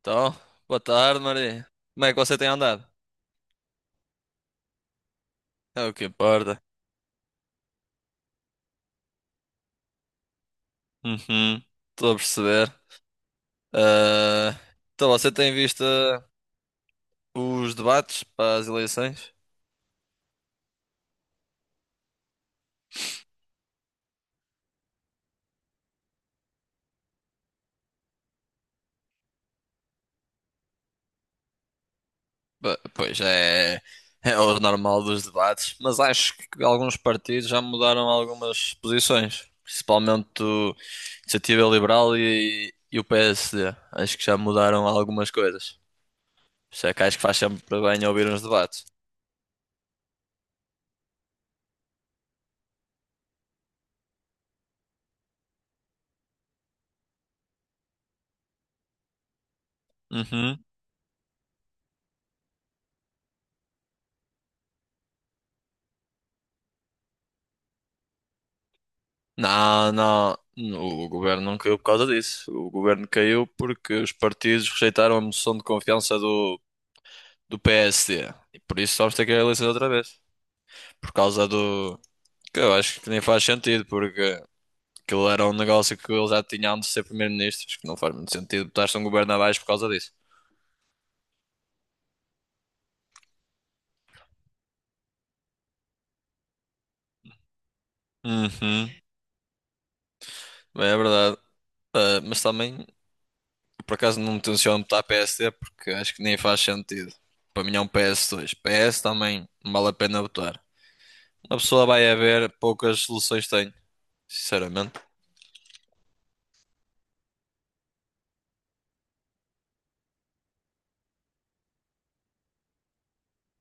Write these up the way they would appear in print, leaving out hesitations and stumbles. Então, boa tarde, Maria. Como é que você tem andado? É o que importa. Uhum, estou a perceber. Ah, então, você tem visto os debates para as eleições? Pois é, é o normal dos debates, mas acho que alguns partidos já mudaram algumas posições, principalmente o Iniciativa Liberal e o PSD. Acho que já mudaram algumas coisas. Por isso é que acho que faz sempre bem ouvir uns debates. Uhum. Não, não. O governo não caiu por causa disso. O governo caiu porque os partidos rejeitaram a moção de confiança do PSD. E por isso vamos ter que ir a eleições outra vez. Por causa do. Que eu acho que nem faz sentido, porque aquilo era um negócio que eles já tinham de ser primeiro-ministros, que não faz muito sentido botar-se um governo abaixo por causa disso. Uhum. Bem, é verdade. Ah, mas também, por acaso, não me tenciono botar PSD porque acho que nem faz sentido. Para mim é um P S dois 2. PS também não vale a pena votar. A pessoa vai a ver, poucas soluções tem, sinceramente.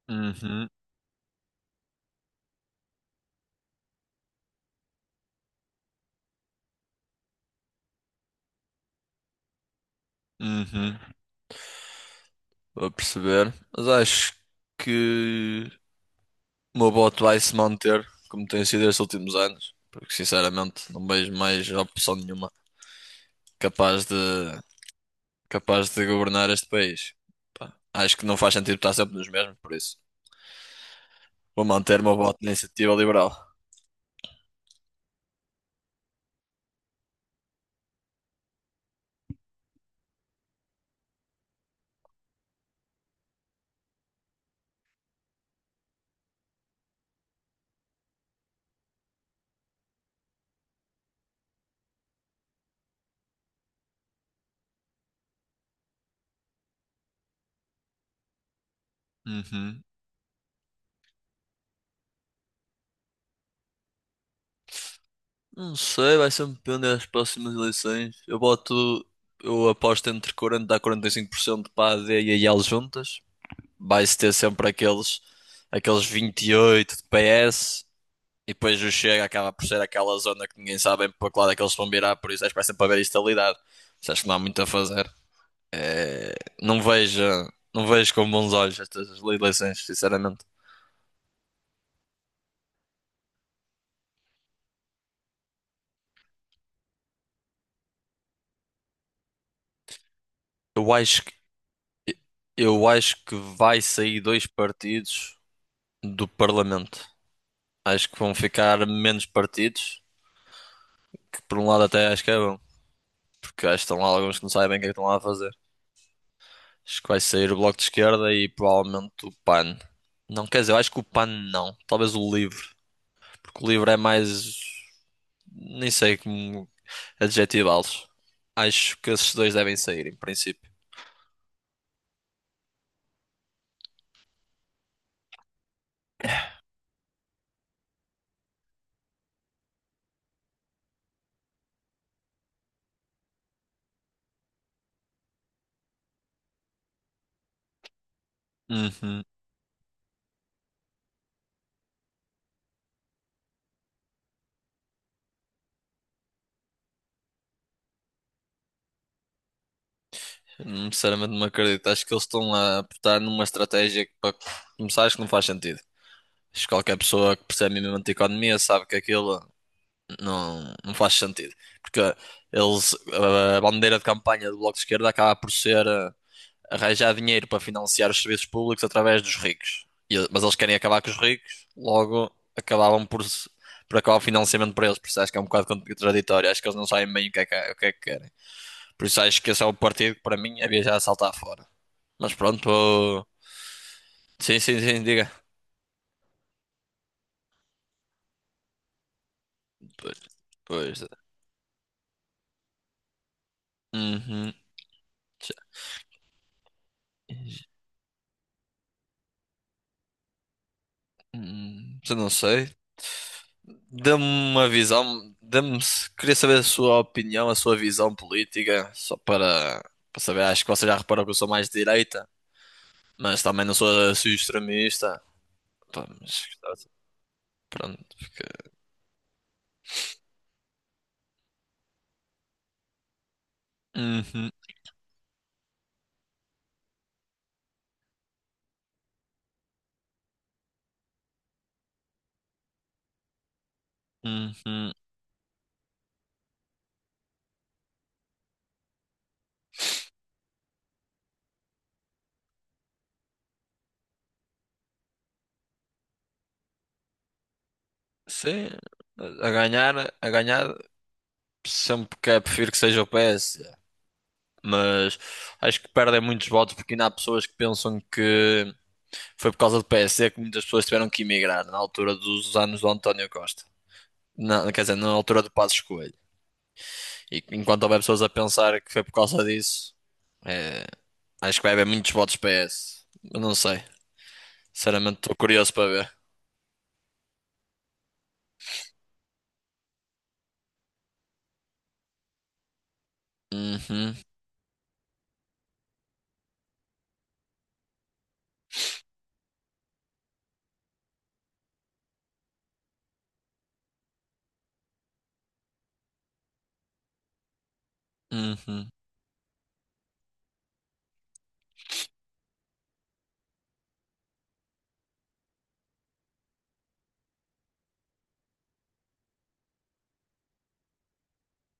Uhum, uhum. Vou perceber. Mas acho que o meu voto vai se manter, como tem sido estes últimos anos. Porque, sinceramente, não vejo mais opção nenhuma capaz de, capaz de governar este país. Pá, acho que não faz sentido estar sempre nos mesmos, por isso. Vou manter o meu voto na iniciativa liberal. Uhum. Não sei, vai sempre depende das próximas eleições. Eu aposto entre 40 a 45% para a AD e a IL juntas. Vai-se ter sempre aqueles 28 de PS. E depois o Chega acaba por ser aquela zona que ninguém sabe bem para que lado é que eles vão virar, por isso acho que vai sempre haver estabilidade. Mas acho que não há muito a fazer. É, não vejo, não vejo com bons olhos estas eleições, sinceramente. Eu acho que, eu acho que vai sair dois partidos do Parlamento. Acho que vão ficar menos partidos, que por um lado até acho que é bom, porque acho que estão lá alguns que não sabem o que é que estão lá a fazer. Acho que vai sair o Bloco de Esquerda e provavelmente o PAN. Não, quer dizer, eu acho que o PAN não, talvez o LIVRE, porque o LIVRE é mais, nem sei como adjetivá-los. Acho que esses dois devem sair, em princípio. Uhum. Sinceramente não acredito. Acho que eles estão a apostar numa estratégia que para começar acho que não faz sentido. Acho que qualquer pessoa que percebe minimamente de economia sabe que aquilo não, não faz sentido. Porque eles, a bandeira de campanha do Bloco de Esquerda acaba por ser arranjar dinheiro para financiar os serviços públicos através dos ricos. Mas eles querem acabar com os ricos, logo acabavam por, se- por acabar o financiamento para eles. Por isso acho que é um bocado contraditório. Acho que eles não sabem bem o que é que querem. Por isso acho que esse é o partido que para mim havia já a saltar fora. Mas pronto, sim, sim, sim, diga. Pois, pois. Uhum. Já já não sei. Dê-me uma visão, queria saber a sua opinião, a sua visão política, para saber, acho que você já reparou que eu sou mais de direita, mas também não sou assim extremista. Pá, mas, pronto, porque. Uhum, uhum. Sim, a ganhar, a ganhar, sempre que é, prefiro que seja o PS, mas acho que perdem muitos votos porque ainda há pessoas que pensam que foi por causa do PS que muitas pessoas tiveram que emigrar na altura dos anos do António Costa, na, quer dizer, na altura do Passos Coelho. E enquanto houver pessoas a pensar que foi por causa disso, é, acho que vai haver muitos votos PS. Eu não sei. Sinceramente, estou curioso para ver. Uhum, uhum,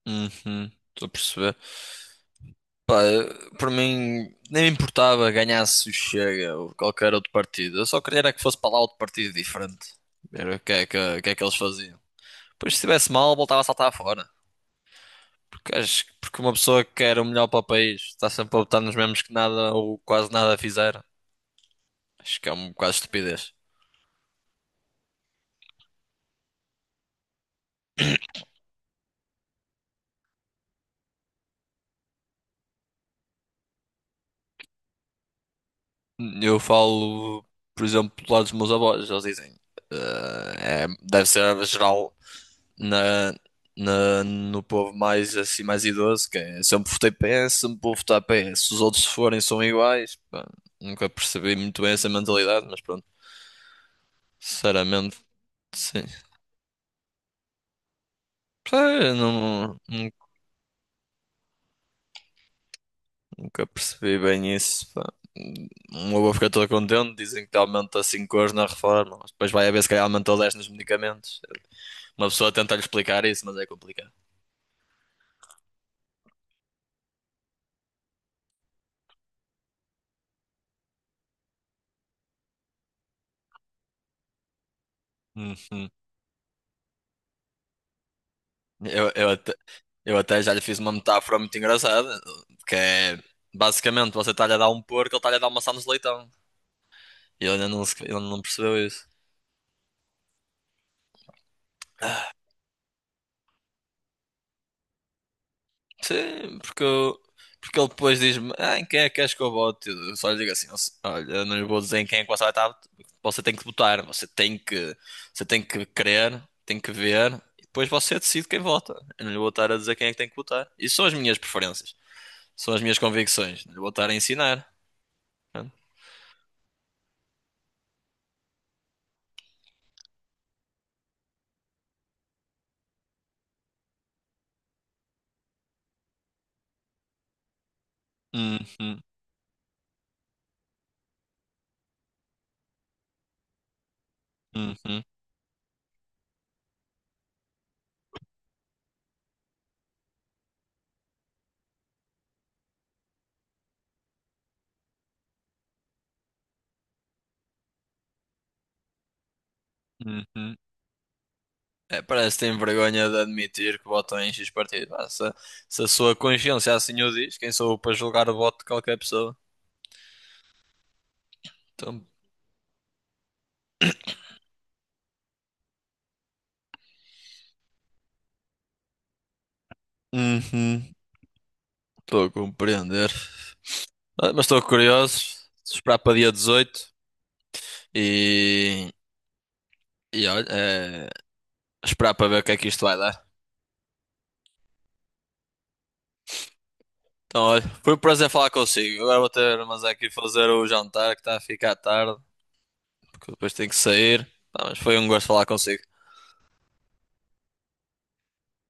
uhum. Estou a perceber. Pá, por mim, nem me importava ganhasse o Chega ou qualquer outro partido. Eu só queria era que fosse para lá outro partido diferente. Ver o que é que eles faziam. Pois se estivesse mal, voltava a saltar fora. Porque, porque uma pessoa que quer o melhor para o país está sempre a votar nos mesmos que nada ou quase nada fizeram. Acho que é um bocado de estupidez. Eu falo, por exemplo, do lado dos meus avós, eles dizem, é, deve ser geral na, no povo mais assim mais idoso, que é sempre votei PS, sempre vou votar PS. Os outros se forem são iguais. Pá, nunca percebi muito bem essa mentalidade, mas pronto, sinceramente, sim. Pá, eu não, não nunca percebi bem isso. Pá. Uma boa fica todo contente, dizem que aumenta 5 euros na reforma, mas depois vai haver se calhar aumentou 10 nos medicamentos. Uma pessoa tenta lhe explicar isso, mas é complicado. Uhum. Eu, eu, até, eu até já lhe fiz uma metáfora muito engraçada, que é basicamente você está-lhe a dar um porco, ele está-lhe a dar uma maçã de leitão. E ele ainda não, ele não percebeu isso. Sim, porque ele depois diz-me, ah, em quem é que queres que eu vote? Eu só lhe digo assim, olha, eu não lhe vou dizer em quem é que você vai estar, você tem que votar, você tem que querer, tem que ver, e depois você decide quem vota. Eu não lhe vou estar a dizer quem é que tem que votar. Isso são as minhas preferências, são as minhas convicções, não lhe vou estar a ensinar. Pronto. Uhum, uhum, uhum. É, parece que tem vergonha de admitir que votam em X partido. Ah, se a sua consciência assim o diz, quem sou eu para julgar o voto de qualquer pessoa? Então, Uhum, estou a compreender. Ah, mas estou curioso. Esperar para dia 18 e, e olha, é, esperar para ver o que é que isto vai dar. Então, olha, foi um prazer falar consigo. Agora vou ter, mas aqui fazer o jantar que está a ficar tarde, porque depois tenho que sair. Tá, mas foi um gosto falar consigo.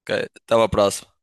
Ok, até à próxima.